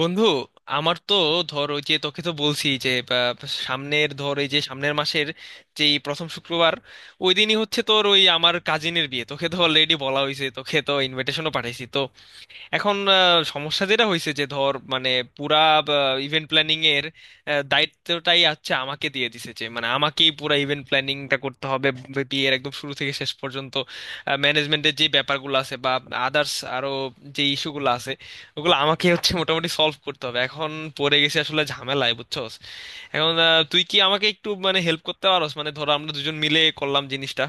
বন্ধু, আমার তো ধর, ওই যে তোকে তো বলছি যে সামনের, ধর এই যে সামনের মাসের যেই প্রথম শুক্রবার ওই দিনই হচ্ছে তোর ওই আমার কাজিনের বিয়ে। তোকে তো অলরেডি বলা হয়েছে, তোকে তো ইনভিটেশনও পাঠাইছি তো। এখন সমস্যা যেটা হয়েছে, যে ধর মানে পুরা ইভেন্ট প্ল্যানিং এর দায়িত্বটাই আচ্ছা আমাকে দিয়ে দিছে, যে মানে আমাকেই পুরা ইভেন্ট প্ল্যানিংটা করতে হবে। বিয়ের একদম শুরু থেকে শেষ পর্যন্ত ম্যানেজমেন্টের যে ব্যাপারগুলো আছে, বা আদার্স আরো যে ইস্যুগুলো আছে, ওগুলো আমাকে হচ্ছে মোটামুটি সলভ করতে হবে। এখন পড়ে গেছে আসলে ঝামেলায়, বুঝছস। এখন তুই কি আমাকে একটু মানে হেল্প করতে পারোস? মানে ধরো আমরা দুজন মিলে করলাম জিনিসটা।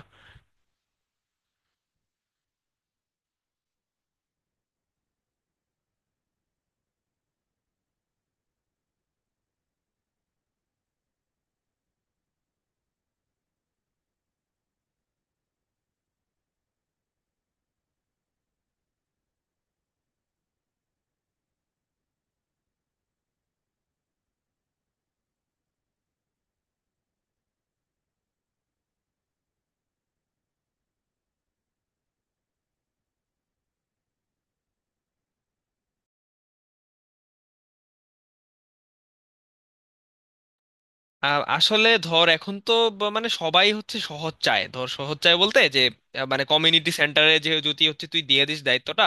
আসলে ধর এখন তো মানে সবাই হচ্ছে সহজ চায়, ধর সহজ চায় বলতে যে মানে কমিউনিটি সেন্টারে যে যদি হচ্ছে তুই দিয়ে দিস দায়িত্বটা,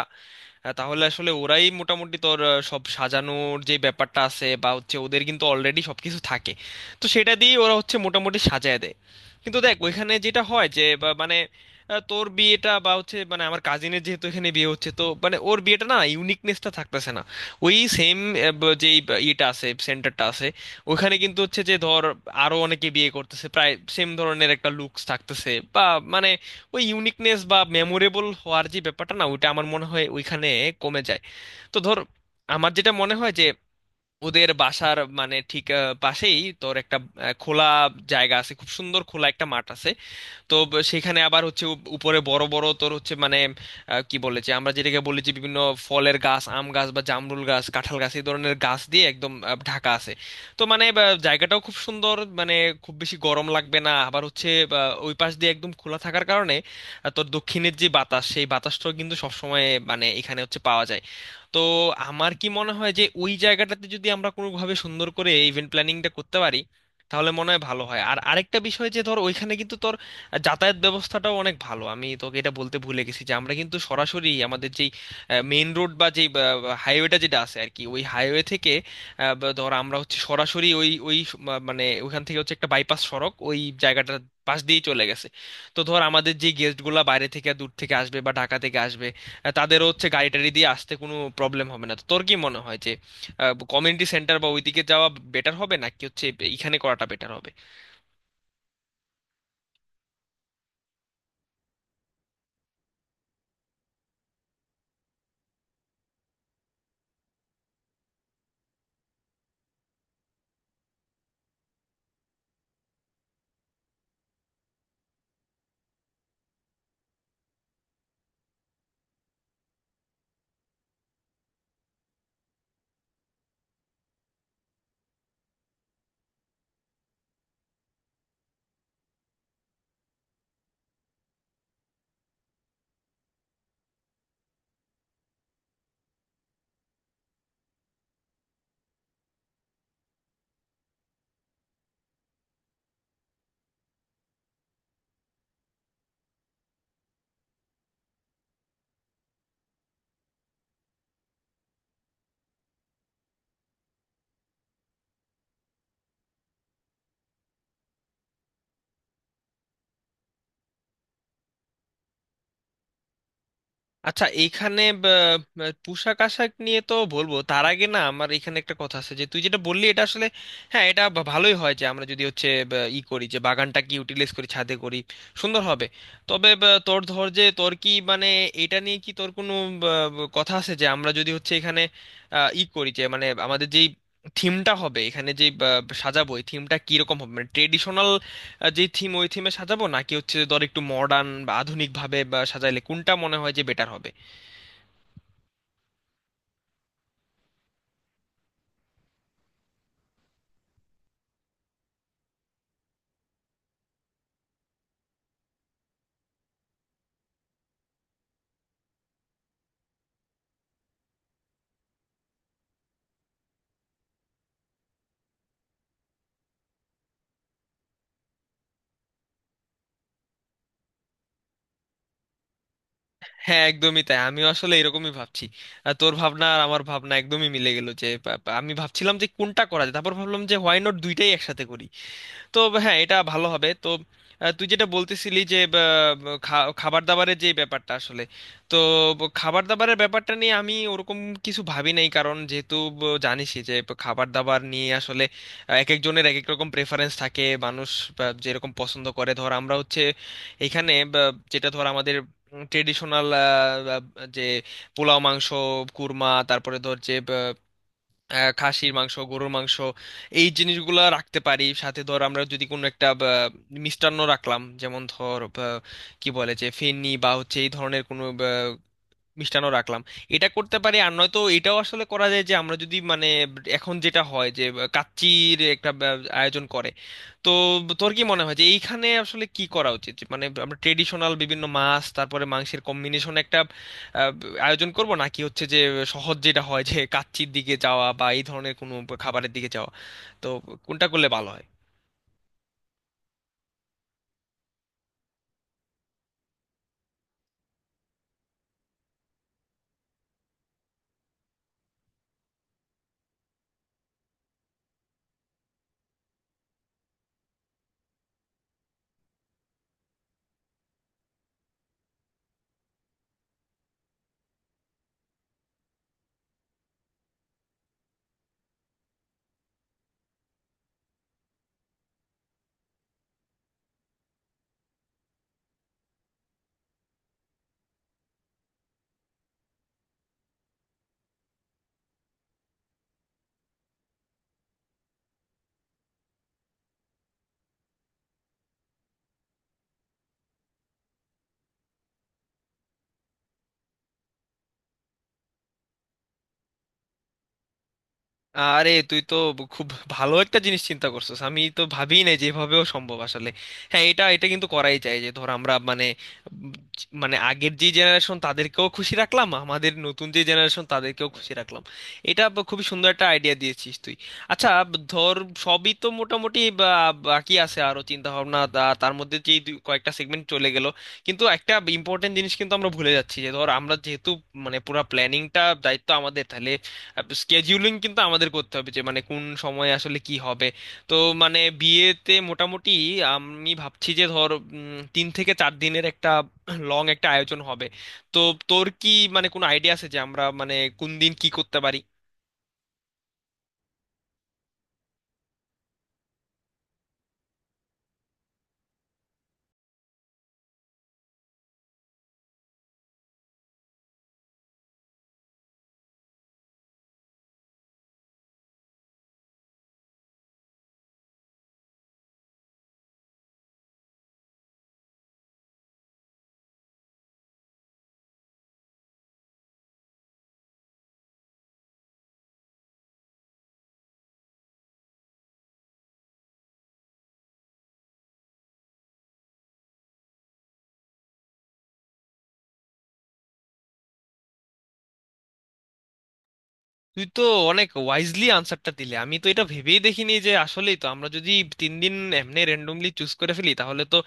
তাহলে আসলে ওরাই মোটামুটি তোর সব সাজানোর যে ব্যাপারটা আছে, বা হচ্ছে ওদের কিন্তু অলরেডি সবকিছু থাকে। তো সেটা দিয়ে ওরা হচ্ছে মোটামুটি সাজায় দেয়। কিন্তু দেখ ওইখানে যেটা হয় যে মানে, তোর বিয়েটা বা হচ্ছে মানে আমার কাজিনের যেহেতু এখানে বিয়ে হচ্ছে, তো মানে ওর বিয়েটা না ইউনিকনেসটা থাকতেছে না। ওই সেম যে ইয়েটা আছে, সেন্টারটা আছে ওখানে কিন্তু হচ্ছে যে ধর আরো অনেকে বিয়ে করতেছে, প্রায় সেম ধরনের একটা লুকস থাকতেছে, বা মানে ওই ইউনিকনেস বা মেমোরেবল হওয়ার যে ব্যাপারটা না ওইটা আমার মনে হয় ওইখানে কমে যায়। তো ধর আমার যেটা মনে হয় যে, ওদের বাসার মানে ঠিক পাশেই তোর একটা খোলা জায়গা আছে, খুব সুন্দর খোলা একটা মাঠ আছে। তো সেখানে আবার হচ্ছে উপরে বড় বড় তোর হচ্ছে মানে, কি বলে যে আমরা যেটাকে বলি যে বিভিন্ন ফলের গাছ, আম গাছ বা জামরুল গাছ, কাঁঠাল গাছ, এই ধরনের গাছ দিয়ে একদম ঢাকা আছে। তো মানে জায়গাটাও খুব সুন্দর, মানে খুব বেশি গরম লাগবে না, আবার হচ্ছে ওই পাশ দিয়ে একদম খোলা থাকার কারণে তোর দক্ষিণের যে বাতাস, সেই বাতাসটাও কিন্তু সবসময় মানে এখানে হচ্ছে পাওয়া যায়। তো আমার কি মনে হয় যে, ওই জায়গাটাতে যদি আমরা কোনোভাবে সুন্দর করে ইভেন্ট প্ল্যানিংটা করতে পারি তাহলে মনে হয় ভালো হয়। আর আরেকটা বিষয় যে, ধর ওইখানে কিন্তু তোর যাতায়াত ব্যবস্থাটাও অনেক ভালো। আমি তোকে এটা বলতে ভুলে গেছি যে, আমরা কিন্তু সরাসরি আমাদের যেই মেইন রোড বা যেই হাইওয়েটা যেটা আছে আর কি, ওই হাইওয়ে থেকে বা ধর আমরা হচ্ছে সরাসরি ওই ওই মানে ওইখান থেকে হচ্ছে একটা বাইপাস সড়ক ওই জায়গাটার পাশ দিয়েই চলে গেছে। তো ধর, আমাদের যে গেস্টগুলা বাইরে থেকে দূর থেকে আসবে বা ঢাকা থেকে আসবে, তাদেরও হচ্ছে গাড়ি টাড়ি দিয়ে আসতে কোনো প্রবলেম হবে না। তো তোর কি মনে হয় যে কমিউনিটি সেন্টার বা ওইদিকে যাওয়া বেটার হবে, নাকি হচ্ছে এইখানে করাটা বেটার হবে? আচ্ছা এইখানে পোশাক আশাক নিয়ে তো বলবো, তার আগে না আমার এখানে একটা কথা আছে যে তুই যেটা বললি এটা আসলে, হ্যাঁ এটা ভালোই হয় যে আমরা যদি হচ্ছে ই করি যে বাগানটা কি ইউটিলাইজ করি ছাদে করি, সুন্দর হবে। তবে তোর ধর যে তোর কি মানে, এটা নিয়ে কি তোর কোনো কথা আছে যে আমরা যদি হচ্ছে এখানে ই করি যে মানে আমাদের যেই থিমটা হবে এখানে, যে সাজাবো এই থিমটা কিরকম হবে? মানে ট্রেডিশনাল যে থিম ওই থিমে সাজাবো, নাকি হচ্ছে যে ধর একটু মডার্ন বা আধুনিক ভাবে বা সাজাইলে কোনটা মনে হয় যে বেটার হবে? হ্যাঁ, একদমই তাই। আমিও আসলে এরকমই ভাবছি। তোর ভাবনা আর আমার ভাবনা একদমই মিলে গেল যে বা আমি ভাবছিলাম যে কোনটা করা যায়, তারপর ভাবলাম যে হোয়াই নট দুইটাই একসাথে করি। তো হ্যাঁ, এটা ভালো হবে। তো তুই যেটা বলতেছিলি যে খাবার দাবারের যে ব্যাপারটা আসলে, তো খাবার দাবারের ব্যাপারটা নিয়ে আমি ওরকম কিছু ভাবি নাই, কারণ যেহেতু জানিসই যে খাবার দাবার নিয়ে আসলে এক একজনের এক এক রকম প্রেফারেন্স থাকে। মানুষ যেরকম পছন্দ করে, ধর আমরা হচ্ছে এখানে যেটা ধর আমাদের ট্রেডিশনাল, যে পোলাও, মাংস, কুরমা, তারপরে ধর যে খাসির মাংস, গরুর মাংস, এই জিনিসগুলো রাখতে পারি। সাথে ধর আমরা যদি কোনো একটা মিষ্টান্ন রাখলাম, যেমন ধর কি বলে যে ফেনি বা হচ্ছে এই ধরনের কোনো মিষ্টান্ন রাখলাম, এটা করতে পারি। আর নয়তো এটাও আসলে করা যায় যে আমরা যদি মানে এখন যেটা হয় যে কাচ্চির একটা আয়োজন করে। তো তোর কি মনে হয় যে এইখানে আসলে কি করা উচিত? যে মানে আমরা ট্রেডিশনাল বিভিন্ন মাছ, তারপরে মাংসের কম্বিনেশন একটা আহ, আয়োজন করব, নাকি হচ্ছে যে সহজ যেটা হয়, যে কাচ্চির দিকে যাওয়া বা এই ধরনের কোনো খাবারের দিকে যাওয়া? তো কোনটা করলে ভালো হয়? আরে তুই তো খুব ভালো একটা জিনিস চিন্তা করছিস। আমি তো ভাবিই নাই যেভাবেও সম্ভব আসলে। হ্যাঁ, এটা এটা কিন্তু করাই যায় যে ধর আমরা মানে উম, মানে আগের যে জেনারেশন তাদেরকেও খুশি রাখলাম, আমাদের নতুন যে জেনারেশন তাদেরকেও খুশি রাখলাম। এটা খুবই সুন্দর একটা আইডিয়া দিয়েছিস তুই। আচ্ছা, ধর সবই তো মোটামুটি বাকি আছে আরো চিন্তা ভাবনা, তার মধ্যে যে কয়েকটা সেগমেন্ট চলে গেল। কিন্তু একটা ইম্পর্টেন্ট জিনিস কিন্তু আমরা ভুলে যাচ্ছি। যে ধর আমরা যেহেতু মানে পুরো প্ল্যানিংটা দায়িত্ব আমাদের, তাহলে স্কেডিউলিং কিন্তু আমাদের করতে হবে যে মানে কোন সময়ে আসলে কি হবে। তো মানে বিয়েতে মোটামুটি আমি ভাবছি যে ধর 3 থেকে 4 দিনের একটা লং একটা আয়োজন হবে। তো তোর কি মানে কোনো আইডিয়া আছে যে আমরা মানে কোন দিন কি করতে পারি? তুই তো অনেক ওয়াইজলি আনসারটা দিলে। আমি তো এটা ভেবেই দেখিনি যে আসলেই তো আমরা যদি 3 দিন এমনি র্যান্ডমলি চুজ করে ফেলি তাহলে তো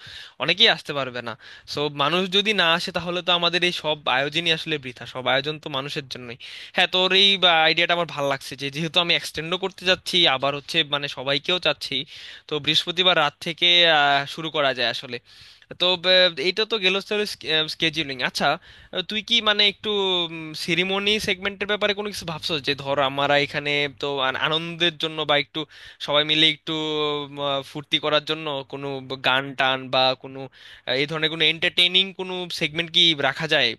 অনেকেই আসতে পারবে না। সো মানুষ যদি না আসে তাহলে তো আমাদের এই সব আয়োজনই আসলে বৃথা, সব আয়োজন তো মানুষের জন্যই। হ্যাঁ, তোর এই আইডিয়াটা আমার ভালো লাগছে, যে যেহেতু আমি এক্সটেন্ডও করতে যাচ্ছি আবার হচ্ছে মানে সবাইকেও চাচ্ছি। তো বৃহস্পতিবার রাত থেকে শুরু করা যায় আসলে। তো এইটা তো গেল স্কেজিউলিং। আচ্ছা, তুই কি মানে একটু সিরিমনি সেগমেন্টের ব্যাপারে কোনো কিছু ভাবছো, যে ধর আমরা এখানে তো আনন্দের জন্য বা একটু সবাই মিলে একটু ফুর্তি করার জন্য কোনো গান টান বা কোনো এই ধরনের কোনো এন্টারটেইনিং কোনো সেগমেন্ট কি রাখা যায়?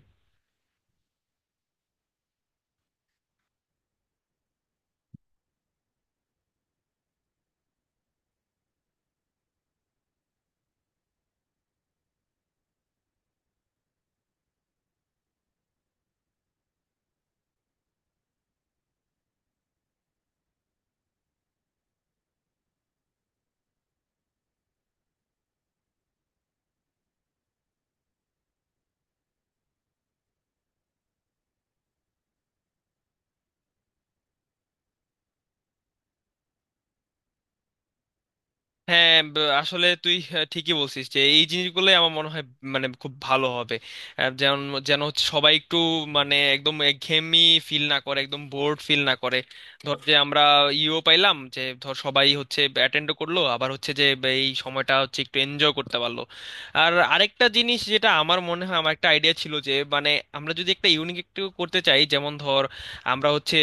হ্যাঁ, আসলে তুই ঠিকই বলছিস যে এই জিনিসগুলোই আমার মনে হয় মানে খুব ভালো হবে। যেমন, যেন হচ্ছে সবাই একটু মানে একদম একঘেয়েমি ফিল না করে, একদম বোর্ড ফিল না করে, ধর যে আমরা ইও পাইলাম যে ধর সবাই হচ্ছে অ্যাটেন্ড করলো, আবার হচ্ছে যে এই সময়টা হচ্ছে একটু এনজয় করতে পারলো। আর আরেকটা জিনিস যেটা আমার মনে হয়, আমার একটা আইডিয়া ছিল যে মানে আমরা যদি একটা ইউনিক একটু করতে চাই, যেমন ধর আমরা হচ্ছে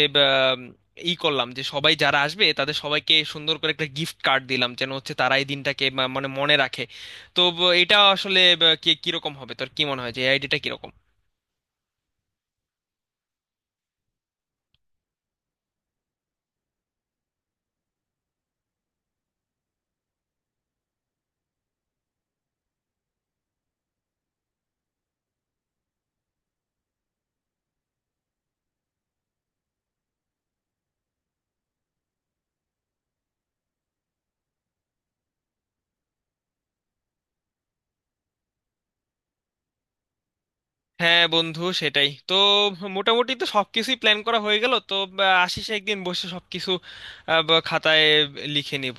ই করলাম যে সবাই যারা আসবে তাদের সবাইকে সুন্দর করে একটা গিফট কার্ড দিলাম, যেন হচ্ছে তারা এই দিনটাকে মানে মনে রাখে। তো এটা আসলে কি কিরকম হবে, তোর কি মনে হয় যে এই আইডিয়াটা কিরকম? হ্যাঁ বন্ধু, সেটাই তো। মোটামুটি তো সবকিছুই প্ল্যান করা হয়ে গেল, তো আসিস একদিন বসে সবকিছু খাতায় লিখে নিব।